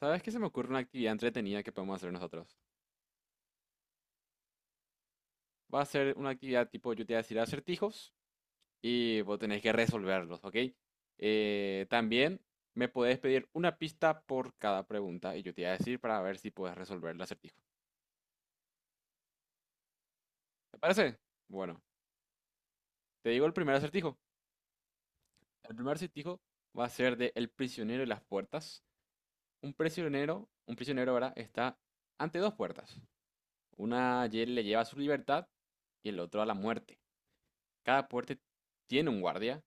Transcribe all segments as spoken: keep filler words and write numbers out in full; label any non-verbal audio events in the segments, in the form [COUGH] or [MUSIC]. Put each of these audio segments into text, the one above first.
¿Sabes qué? Se me ocurre una actividad entretenida que podemos hacer nosotros. Va a ser una actividad tipo, yo te voy a decir acertijos y vos tenés que resolverlos, ¿ok? Eh, también me podés pedir una pista por cada pregunta y yo te voy a decir para ver si puedes resolver el acertijo. ¿Te parece? Bueno, te digo el primer acertijo. El primer acertijo va a ser de El prisionero y las puertas. Un prisionero, un prisionero ahora está ante dos puertas. Una lle- le lleva a su libertad y el otro a la muerte. Cada puerta tiene un guardia.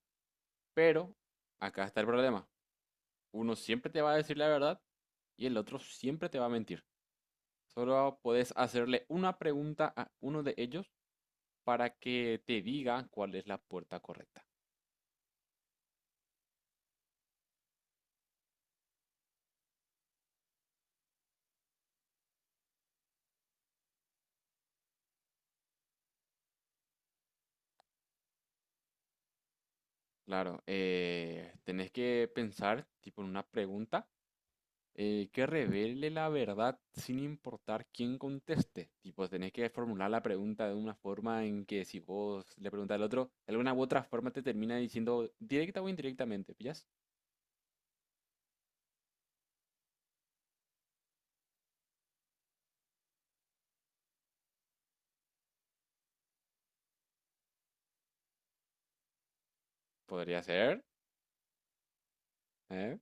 Pero acá está el problema. Uno siempre te va a decir la verdad y el otro siempre te va a mentir. Solo puedes hacerle una pregunta a uno de ellos para que te diga cuál es la puerta correcta. Claro, eh, tenés que pensar, tipo, en una pregunta eh, que revele la verdad sin importar quién conteste. Tipo, tenés que formular la pregunta de una forma en que si vos le preguntas al otro, de alguna u otra forma te termina diciendo directa o indirectamente, ¿pillas? Podría ser. ¿Eh?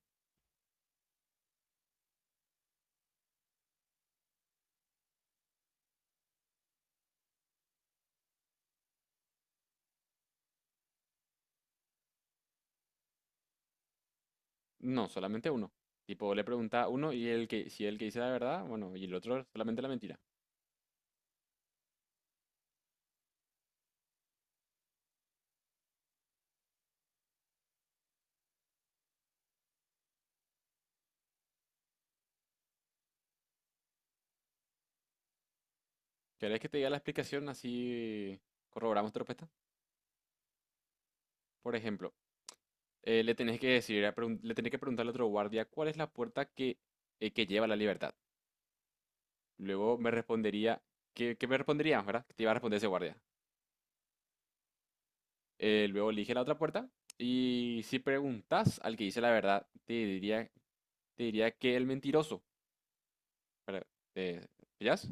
No, solamente uno. Tipo, le pregunta a uno y el que, si el que dice la verdad, bueno, y el otro solamente la mentira. ¿Querés que te diga la explicación así corroboramos tu respuesta? Por ejemplo, eh, le tenés que decir, a pregun- le tenés que preguntar al otro guardia cuál es la puerta que, eh, que lleva a la libertad. Luego me respondería, ¿qué, qué me responderías, verdad? Que te iba a responder ese guardia. Eh, luego elige la otra puerta y si preguntas al que dice la verdad, te diría, te diría que el mentiroso. ¿Verdad? ¿Te pillás?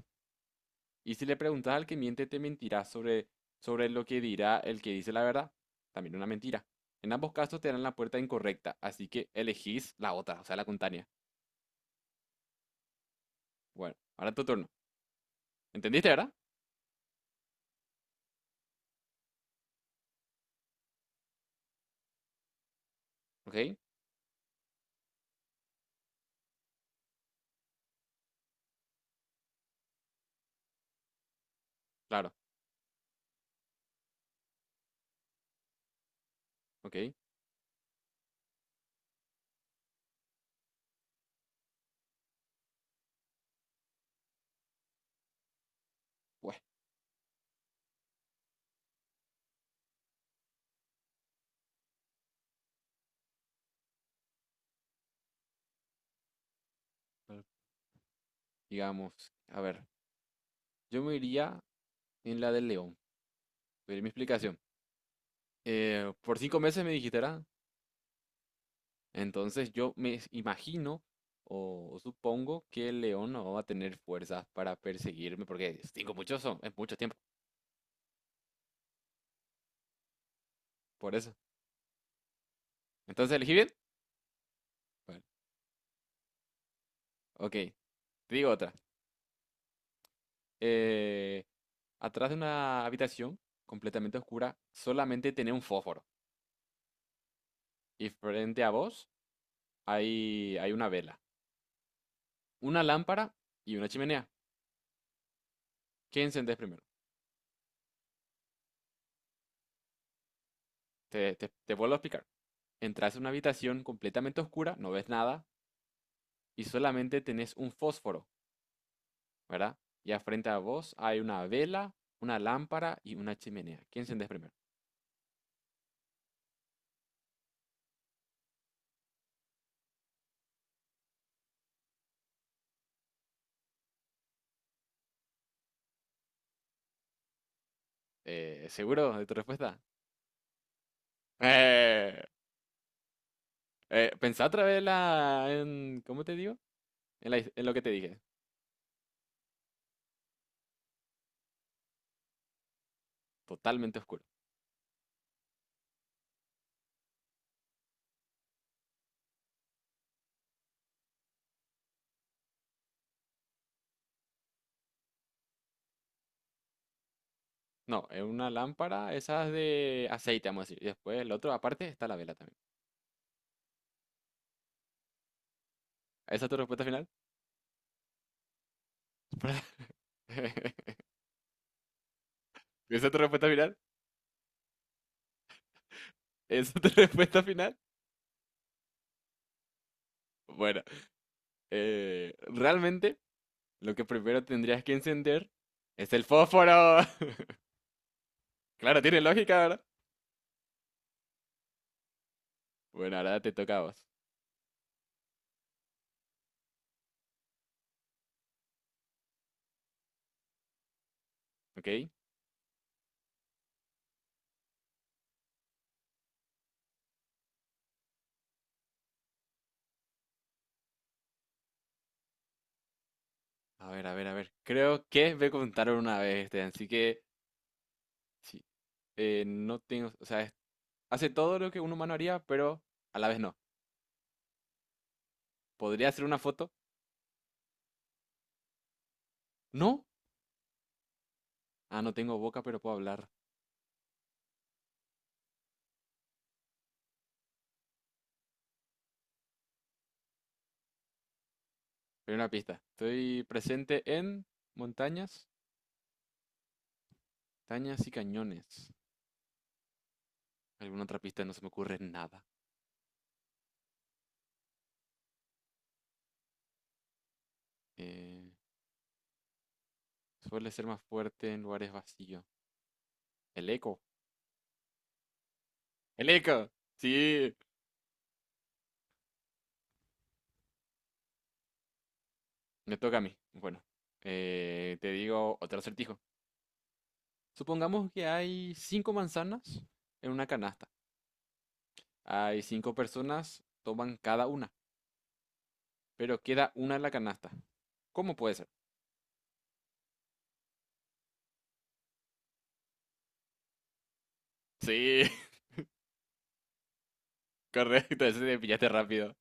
Y si le preguntas al que miente, te mentirá sobre, sobre lo que dirá el que dice la verdad. También una mentira. En ambos casos te darán la puerta incorrecta, así que elegís la otra, o sea, la contraria. Bueno, ahora tu turno. ¿Entendiste, verdad? Ok, claro, ok. Bueno, digamos, a ver, yo me iría en la del león. Pero mi explicación. Eh, por cinco meses me dijiste, ¿verdad? Entonces yo me imagino o, o supongo que el león no va a tener fuerzas para perseguirme, porque cinco muchos son, es mucho tiempo. Por eso. Entonces elegí bien. Bueno, ok. Te digo otra. Eh, Atrás de una habitación completamente oscura, solamente tenía un fósforo. Y frente a vos hay, hay una vela, una lámpara y una chimenea. ¿Qué encendés primero? Te, te, te vuelvo a explicar. Entras a una habitación completamente oscura, no ves nada y solamente tenés un fósforo, ¿verdad? Y a frente a vos hay una vela, una lámpara y una chimenea. ¿Qué encendés primero? Eh, ¿seguro de tu respuesta? [LAUGHS] ¡Eh! Eh, pensá otra vez la, en, ¿cómo te digo? En, la- en lo que te dije, totalmente oscuro. No, es una lámpara, esas de aceite, vamos a decir. Y después el otro, aparte, está la vela también. ¿Esa es tu respuesta final? [LAUGHS] ¿Esa es tu respuesta final? ¿Esa es tu [LAUGHS] respuesta final? Bueno, eh, realmente lo que primero tendrías que encender es el fósforo. [LAUGHS] Claro, tiene lógica, ¿verdad? Bueno, ahora te toca a vos, ¿ok? A ver, a ver, a ver. Creo que me contaron una vez este, así que... Sí. Eh, no tengo, o sea, es- hace todo lo que un humano haría, pero a la vez no. ¿Podría hacer una foto? No. Ah, no tengo boca, pero puedo hablar. Primera pista. Estoy presente en montañas, montañas y cañones. Alguna otra pista, no se me ocurre nada. Eh, Suele ser más fuerte en lugares vacíos. El eco. El eco. Sí. Me toca a mí. Bueno, eh, te digo otro acertijo. Supongamos que hay cinco manzanas en una canasta. Hay cinco personas, toman cada una, pero queda una en la canasta. ¿Cómo puede ser? Sí, [LAUGHS] correcto, ese te pillaste rápido.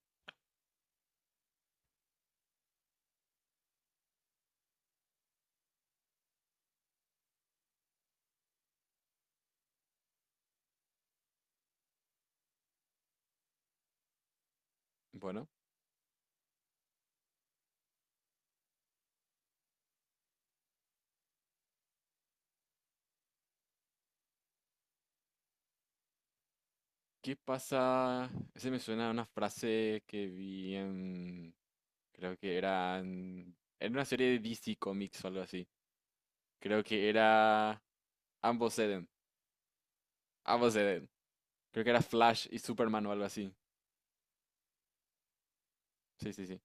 Bueno, ¿qué pasa? Ese me suena a una frase que vi en... Creo que era en... en una serie de D C Comics o algo así. Creo que era... Ambos ceden, ambos ceden. Creo que era Flash y Superman o algo así. Sí, sí, sí.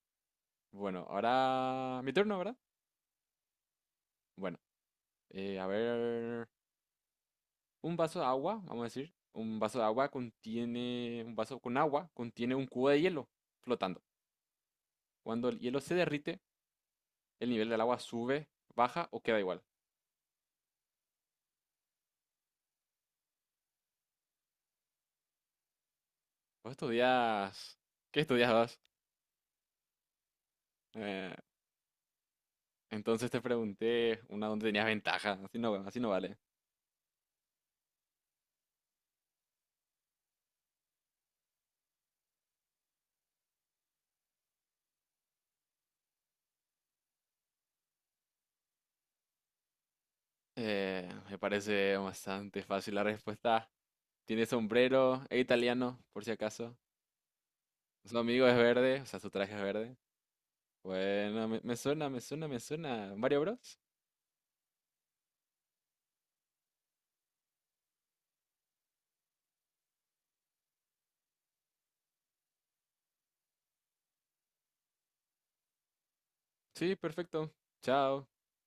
Bueno, ahora mi turno, ¿verdad? Bueno, eh, a ver... Un vaso de agua, vamos a decir, un vaso de agua contiene, un vaso con agua contiene un cubo de hielo flotando. Cuando el hielo se derrite, el nivel del agua sube, baja o queda igual. Vos estudias, ¿qué estudiabas? Eh, entonces te pregunté una donde tenías ventaja, así no, así no vale. Eh, me parece bastante fácil la respuesta. Tiene sombrero, es italiano, por si acaso. Su amigo es verde, o sea, su traje es verde. Bueno, me, me suena, me suena, me suena. Mario Bros. Sí, perfecto. Chao.